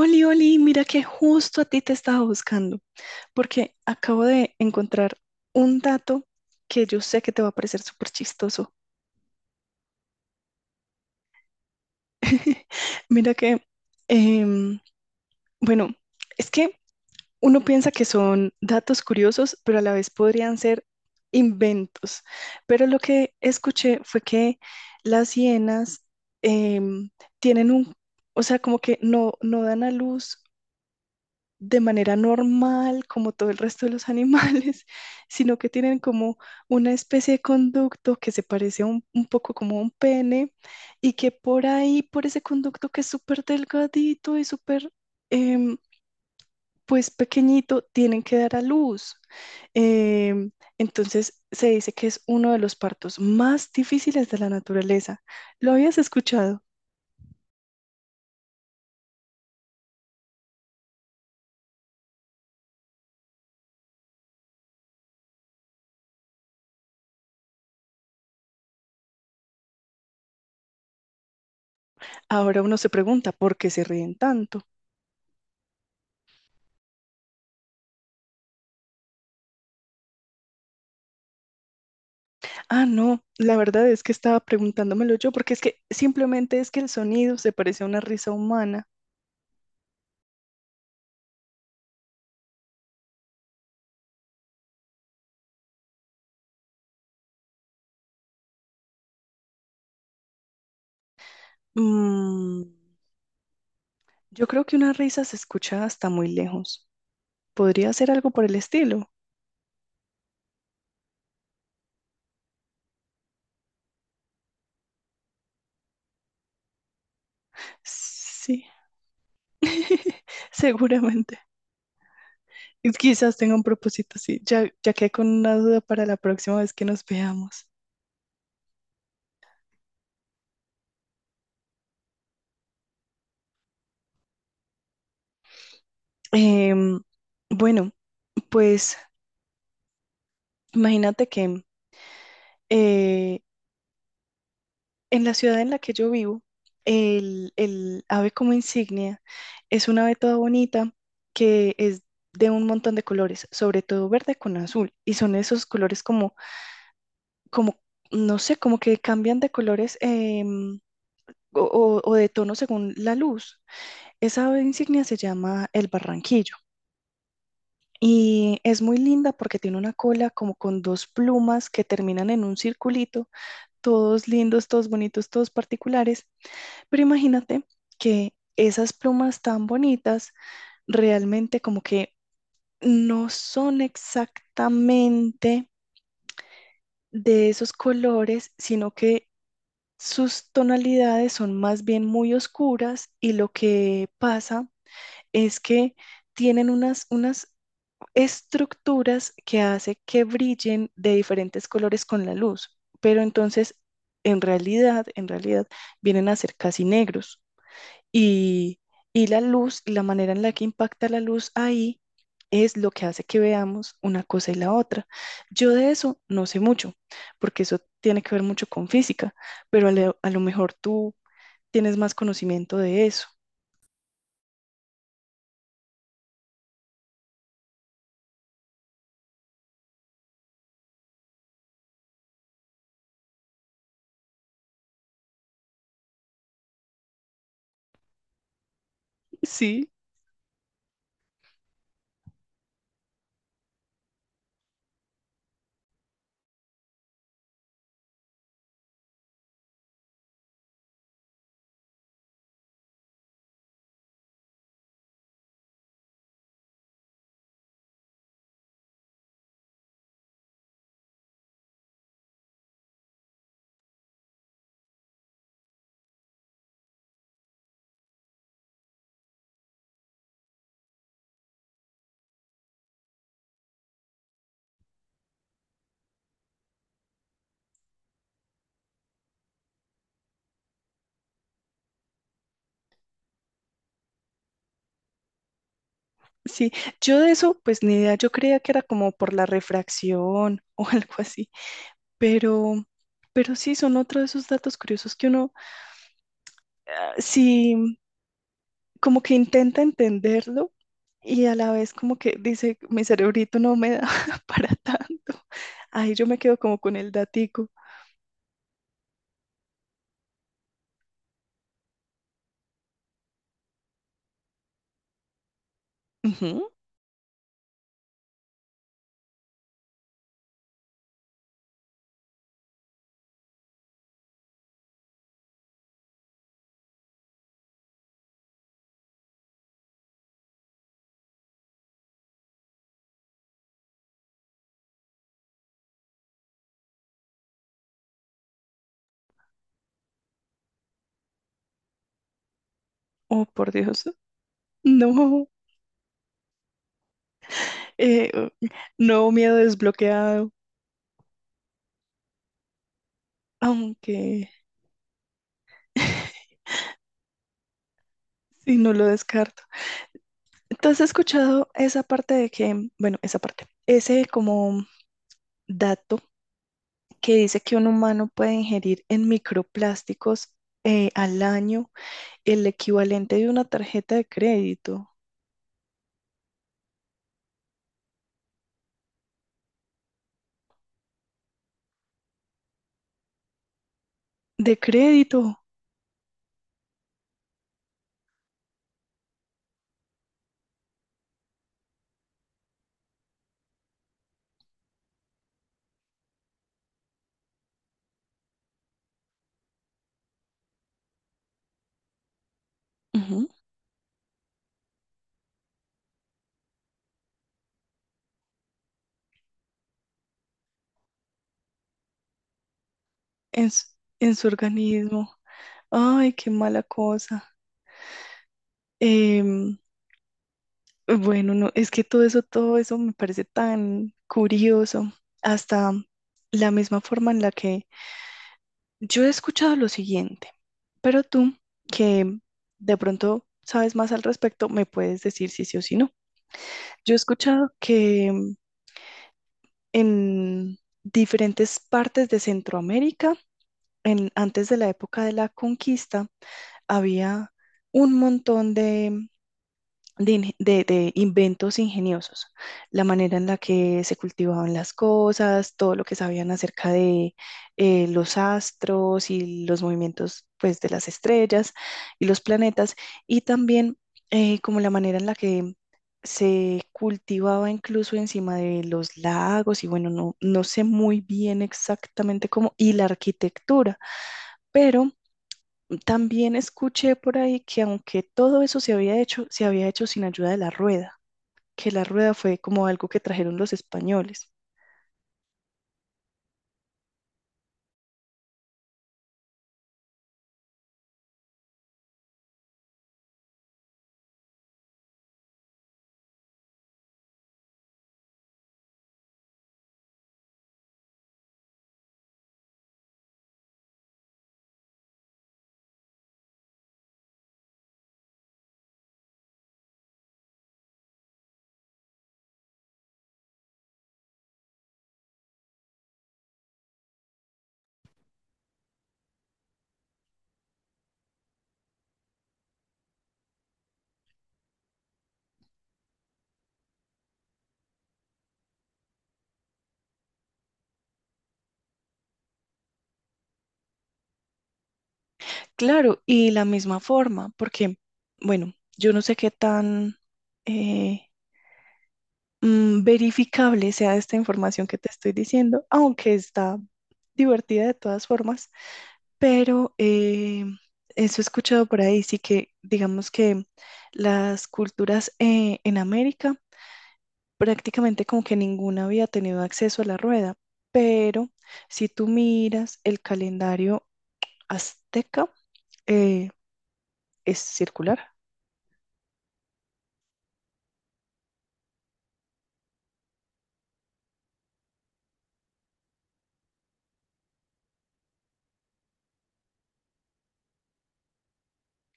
Oli, Oli, mira que justo a ti te estaba buscando, porque acabo de encontrar un dato que yo sé que te va a parecer súper chistoso. Mira que, em, bueno, es que uno piensa que son datos curiosos, pero a la vez podrían ser inventos. Pero lo que escuché fue que las hienas em, tienen o sea, como que no dan a luz de manera normal, como todo el resto de los animales, sino que tienen como una especie de conducto que se parece a un poco como a un pene y que por ahí, por ese conducto que es súper delgadito y súper, em, pues pequeñito, tienen que dar a luz. Em, entonces se dice que es uno de los partos más difíciles de la naturaleza. ¿Lo habías escuchado? Ahora uno se pregunta, ¿por qué se ríen tanto? Ah, no, la verdad es que estaba preguntándomelo yo, porque es que simplemente es que el sonido se parece a una risa humana. Mm, yo creo que una risa se escucha hasta muy lejos. ¿Podría ser algo por el estilo? Sí, seguramente. Y quizás tenga un propósito así. Ya, ya quedé con una duda para la próxima vez que nos veamos. Em, bueno, pues imagínate que eh, en la ciudad en la que yo vivo, el ave como insignia es una ave toda bonita que es de un montón de colores, sobre todo verde con azul, y son esos colores como, como no sé, como que cambian de colores o de tono según la luz. Esa ave insignia se llama el barranquillo. Y es muy linda porque tiene una cola como con dos plumas que terminan en un circulito, todos lindos, todos bonitos, todos particulares. Pero imagínate que esas plumas tan bonitas realmente como que no son exactamente de esos colores, sino que sus tonalidades son más bien muy oscuras y lo que pasa es que tienen unas estructuras que hace que brillen de diferentes colores con la luz, pero entonces en realidad vienen a ser casi negros. Y, y la luz, la manera en la que impacta la luz ahí es lo que hace que veamos una cosa y la otra. Yo de eso no sé mucho, porque eso tiene que ver mucho con física, pero a a lo mejor tú tienes más conocimiento de eso. Sí, sí. Yo de eso, pues ni idea, yo creía que era como por la refracción o algo así, pero, pero sí son otro de esos datos curiosos que uno, ah, sí, como que intenta entenderlo y a la vez como que dice, mi cerebrito no me da para tanto. Ahí yo me quedo como con el datico. Ujú. Oh, por Dios. No, eh, no, miedo desbloqueado, aunque si no lo descarto. Entonces he escuchado esa parte de que, bueno, esa parte, ese como dato que dice que un humano puede ingerir en microplásticos al año el equivalente de una tarjeta de crédito. De crédito. Ujú. En, s- en su organismo. Ay, qué mala cosa. Em, bueno, no, es que todo eso me parece tan curioso. Hasta la misma forma en la que yo he escuchado lo siguiente, pero tú, que de pronto sabes más al respecto, me puedes decir si sí o si no. Yo he escuchado que en diferentes partes de Centroamérica, en- antes de la época de la conquista, había un montón de inge- de inventos ingeniosos. La manera en la que se cultivaban las cosas, todo lo que sabían acerca de los astros y los movimientos pues, de las estrellas y los planetas, y también como la manera en la que se cultivaba incluso encima de los lagos, y bueno, no sé muy bien exactamente cómo, y la arquitectura, pero también escuché por ahí que aunque todo eso se había hecho sin ayuda de la rueda, que la rueda fue como algo que trajeron los españoles. Claro, y la misma forma, porque, bueno, yo no sé qué tan eh, mm, verificable sea esta información que te estoy diciendo, aunque está divertida de todas formas, pero eso he escuchado por ahí, sí, que digamos que las culturas en América prácticamente como que ninguna había tenido acceso a la rueda. Pero si tú miras el calendario azteca, eh, es circular.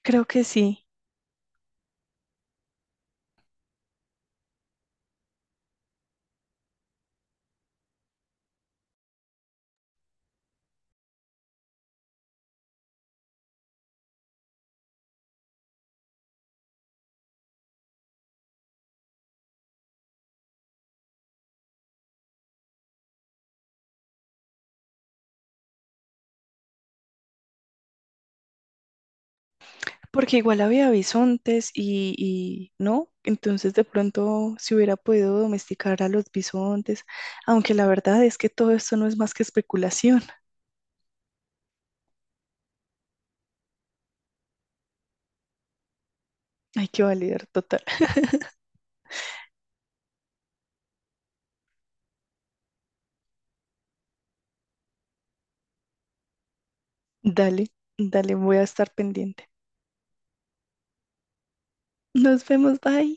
Creo que sí, porque igual había bisontes y no, entonces de pronto se hubiera podido domesticar a los bisontes, aunque la verdad es que todo esto no es más que especulación. Hay que validar total. Dale, dale, voy a estar pendiente. Nos vemos, bye.